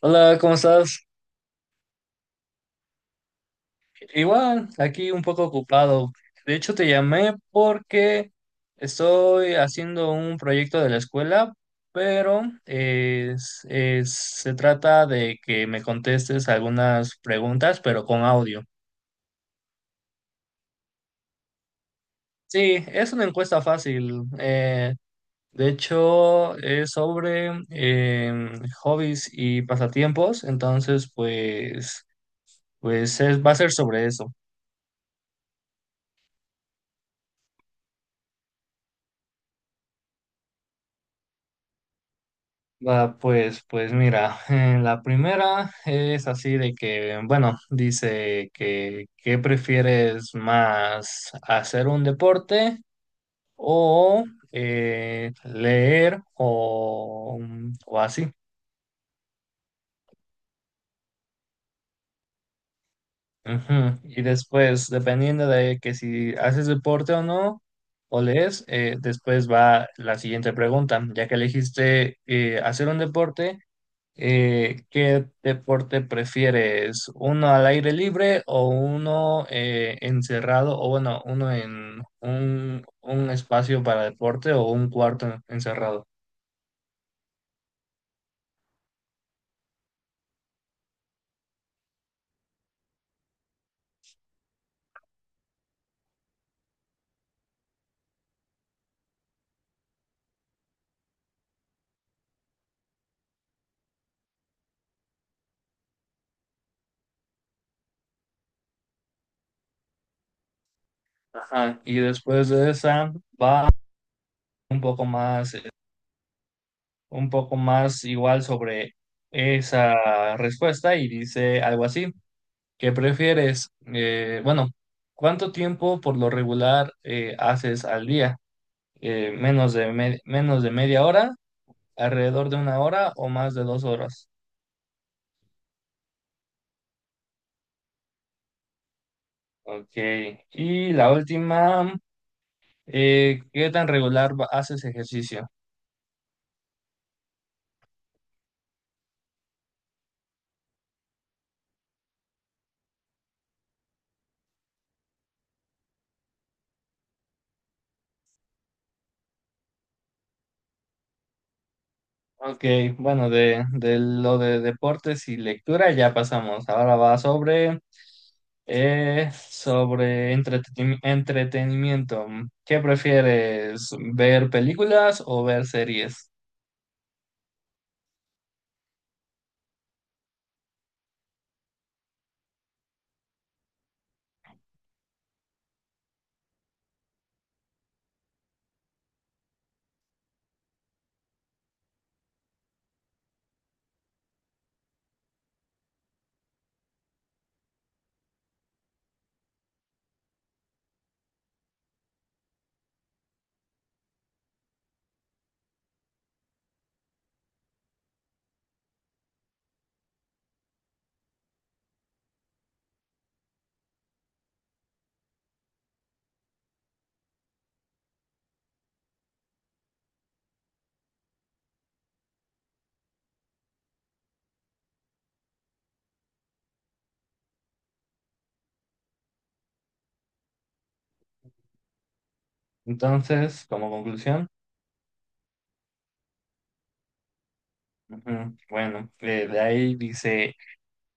Hola, ¿cómo estás? Igual, aquí un poco ocupado. De hecho, te llamé porque estoy haciendo un proyecto de la escuela, pero se trata de que me contestes algunas preguntas, pero con audio. Sí, es una encuesta fácil. De hecho, es sobre hobbies y pasatiempos, entonces, pues, va a ser sobre eso. Va, pues, pues mira, la primera es así de que, bueno, dice que ¿qué prefieres más, hacer un deporte o leer o o así? Ujú. Y después, dependiendo de que si haces deporte o no, o lees, después va la siguiente pregunta, ya que elegiste hacer un deporte. ¿Qué deporte prefieres? ¿Uno al aire libre o uno encerrado? O bueno, uno en un espacio para deporte o un cuarto encerrado. Ajá. Y después de esa va un poco más, eh, un poco más igual sobre esa respuesta y dice algo así. ¿Qué prefieres? Bueno, ¿cuánto tiempo por lo regular haces al día? Menos de media hora, alrededor de una hora o más de dos horas. Ok. Y la última, ¿qué tan regular haces ejercicio? Ok, bueno, de lo de deportes y lectura ya pasamos. Ahora va sobre, sobre entretenimiento. ¿Qué prefieres, ver películas o ver series? Entonces, como conclusión, ujú, bueno, de ahí dice,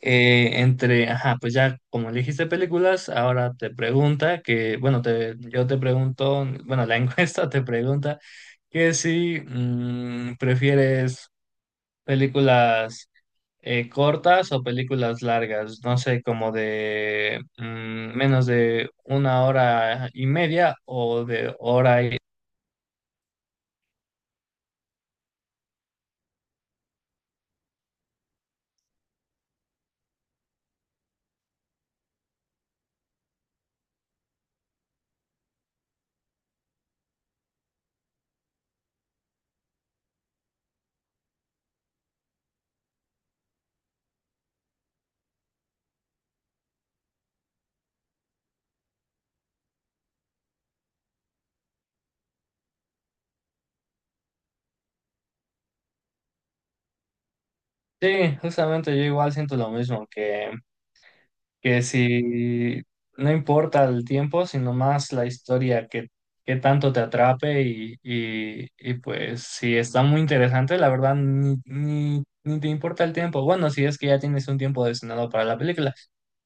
eh, entre, ajá, pues ya como elegiste películas, ahora te pregunta que, bueno, te, yo te pregunto, bueno, la encuesta te pregunta que si prefieres películas cortas o películas largas, no sé, como de menos de una hora y media o de hora y... Sí, justamente yo igual siento lo mismo, que si no importa el tiempo, sino más la historia que tanto te atrape y pues si está muy interesante, la verdad ni te importa el tiempo. Bueno, si es que ya tienes un tiempo destinado para la película.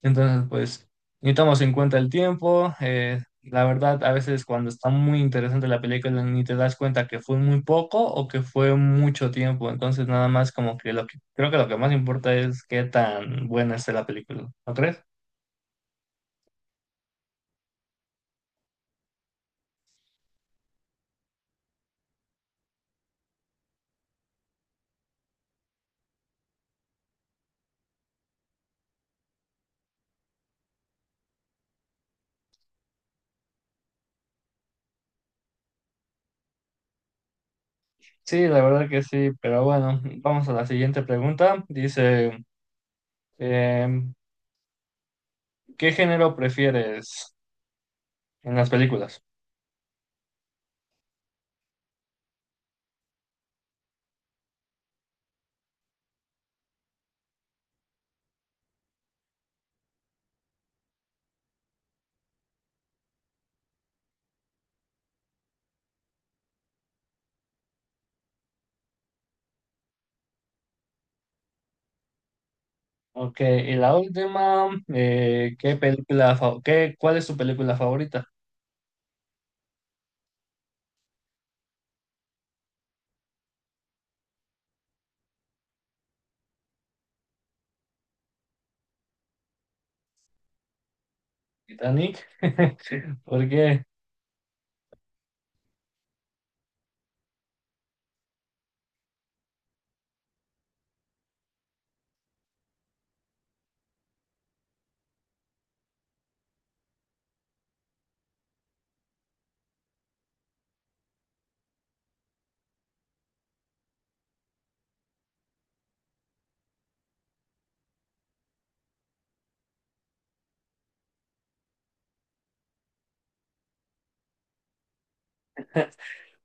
Entonces, pues ni tomas en cuenta el tiempo. La verdad, a veces cuando está muy interesante la película, ni te das cuenta que fue muy poco o que fue mucho tiempo. Entonces, nada más como que lo que creo que lo que más importa es qué tan buena esté la película. ¿No crees? Sí, la verdad que sí, pero bueno, vamos a la siguiente pregunta. Dice, em, ¿qué género prefieres en las películas? Ok, y la última, ¿qué película, cuál es tu película favorita? Titanic. ¿Por qué?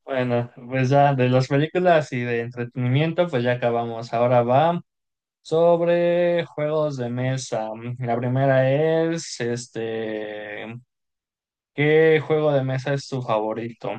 Bueno, pues ya de las películas y de entretenimiento, pues ya acabamos. Ahora va sobre juegos de mesa. La primera es, este, ¿qué juego de mesa es tu favorito?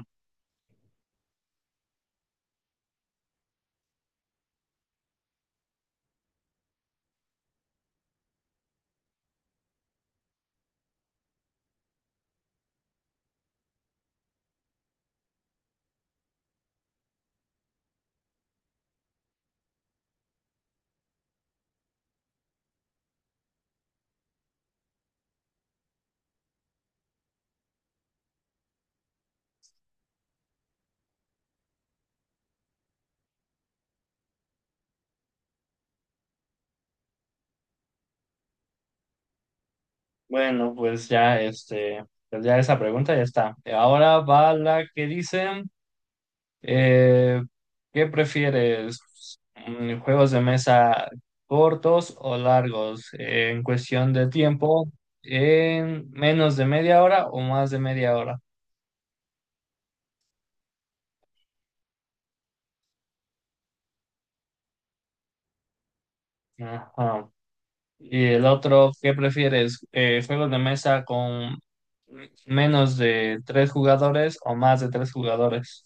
Bueno, pues ya este, pues ya esa pregunta ya está. Ahora va la que dice, eh, ¿qué prefieres? Mm, ¿juegos de mesa cortos o largos? En cuestión de tiempo, ¿en menos de media hora o más de media hora? Ajá. Y el otro, ¿qué prefieres? ¿Juegos de mesa con menos de tres jugadores o más de tres jugadores?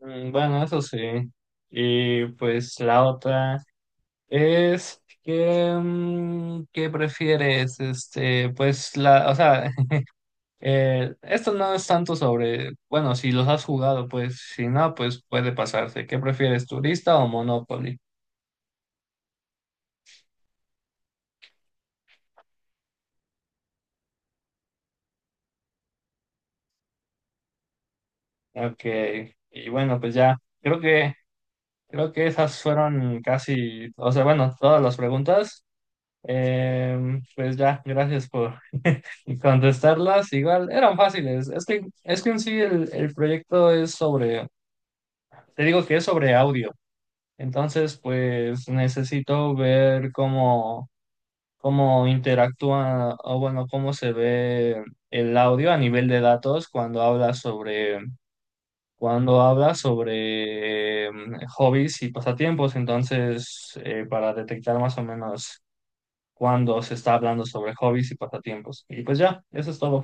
Mm, bueno, eso sí. Y pues la otra es que, mm, ¿qué prefieres? Este, pues la, o sea, esto no es tanto sobre, bueno, si los has jugado, pues si no, pues puede pasarse. ¿Qué prefieres, turista o Monopoly? Ok, y bueno, pues ya, creo que esas fueron casi, o sea, bueno, todas las preguntas. Em, pues ya, gracias por... Y contestarlas, igual eran fáciles. Es que en sí el proyecto es sobre, te digo que es sobre audio. Entonces, pues necesito ver cómo, cómo interactúa o bueno, cómo se ve el audio a nivel de datos cuando habla sobre hobbies y pasatiempos. Entonces, para detectar más o menos cuando se está hablando sobre hobbies y pasatiempos. Y pues ya, eso es todo.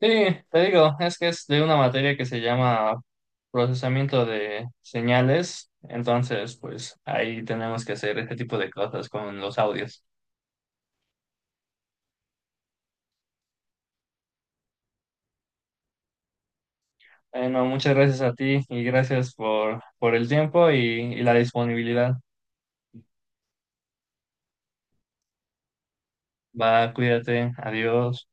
Sí, te digo, es que es de una materia que se llama procesamiento de señales, entonces pues ahí tenemos que hacer este tipo de cosas con los audios. Bueno, muchas gracias a ti y gracias por el tiempo y la disponibilidad. Va, cuídate, adiós.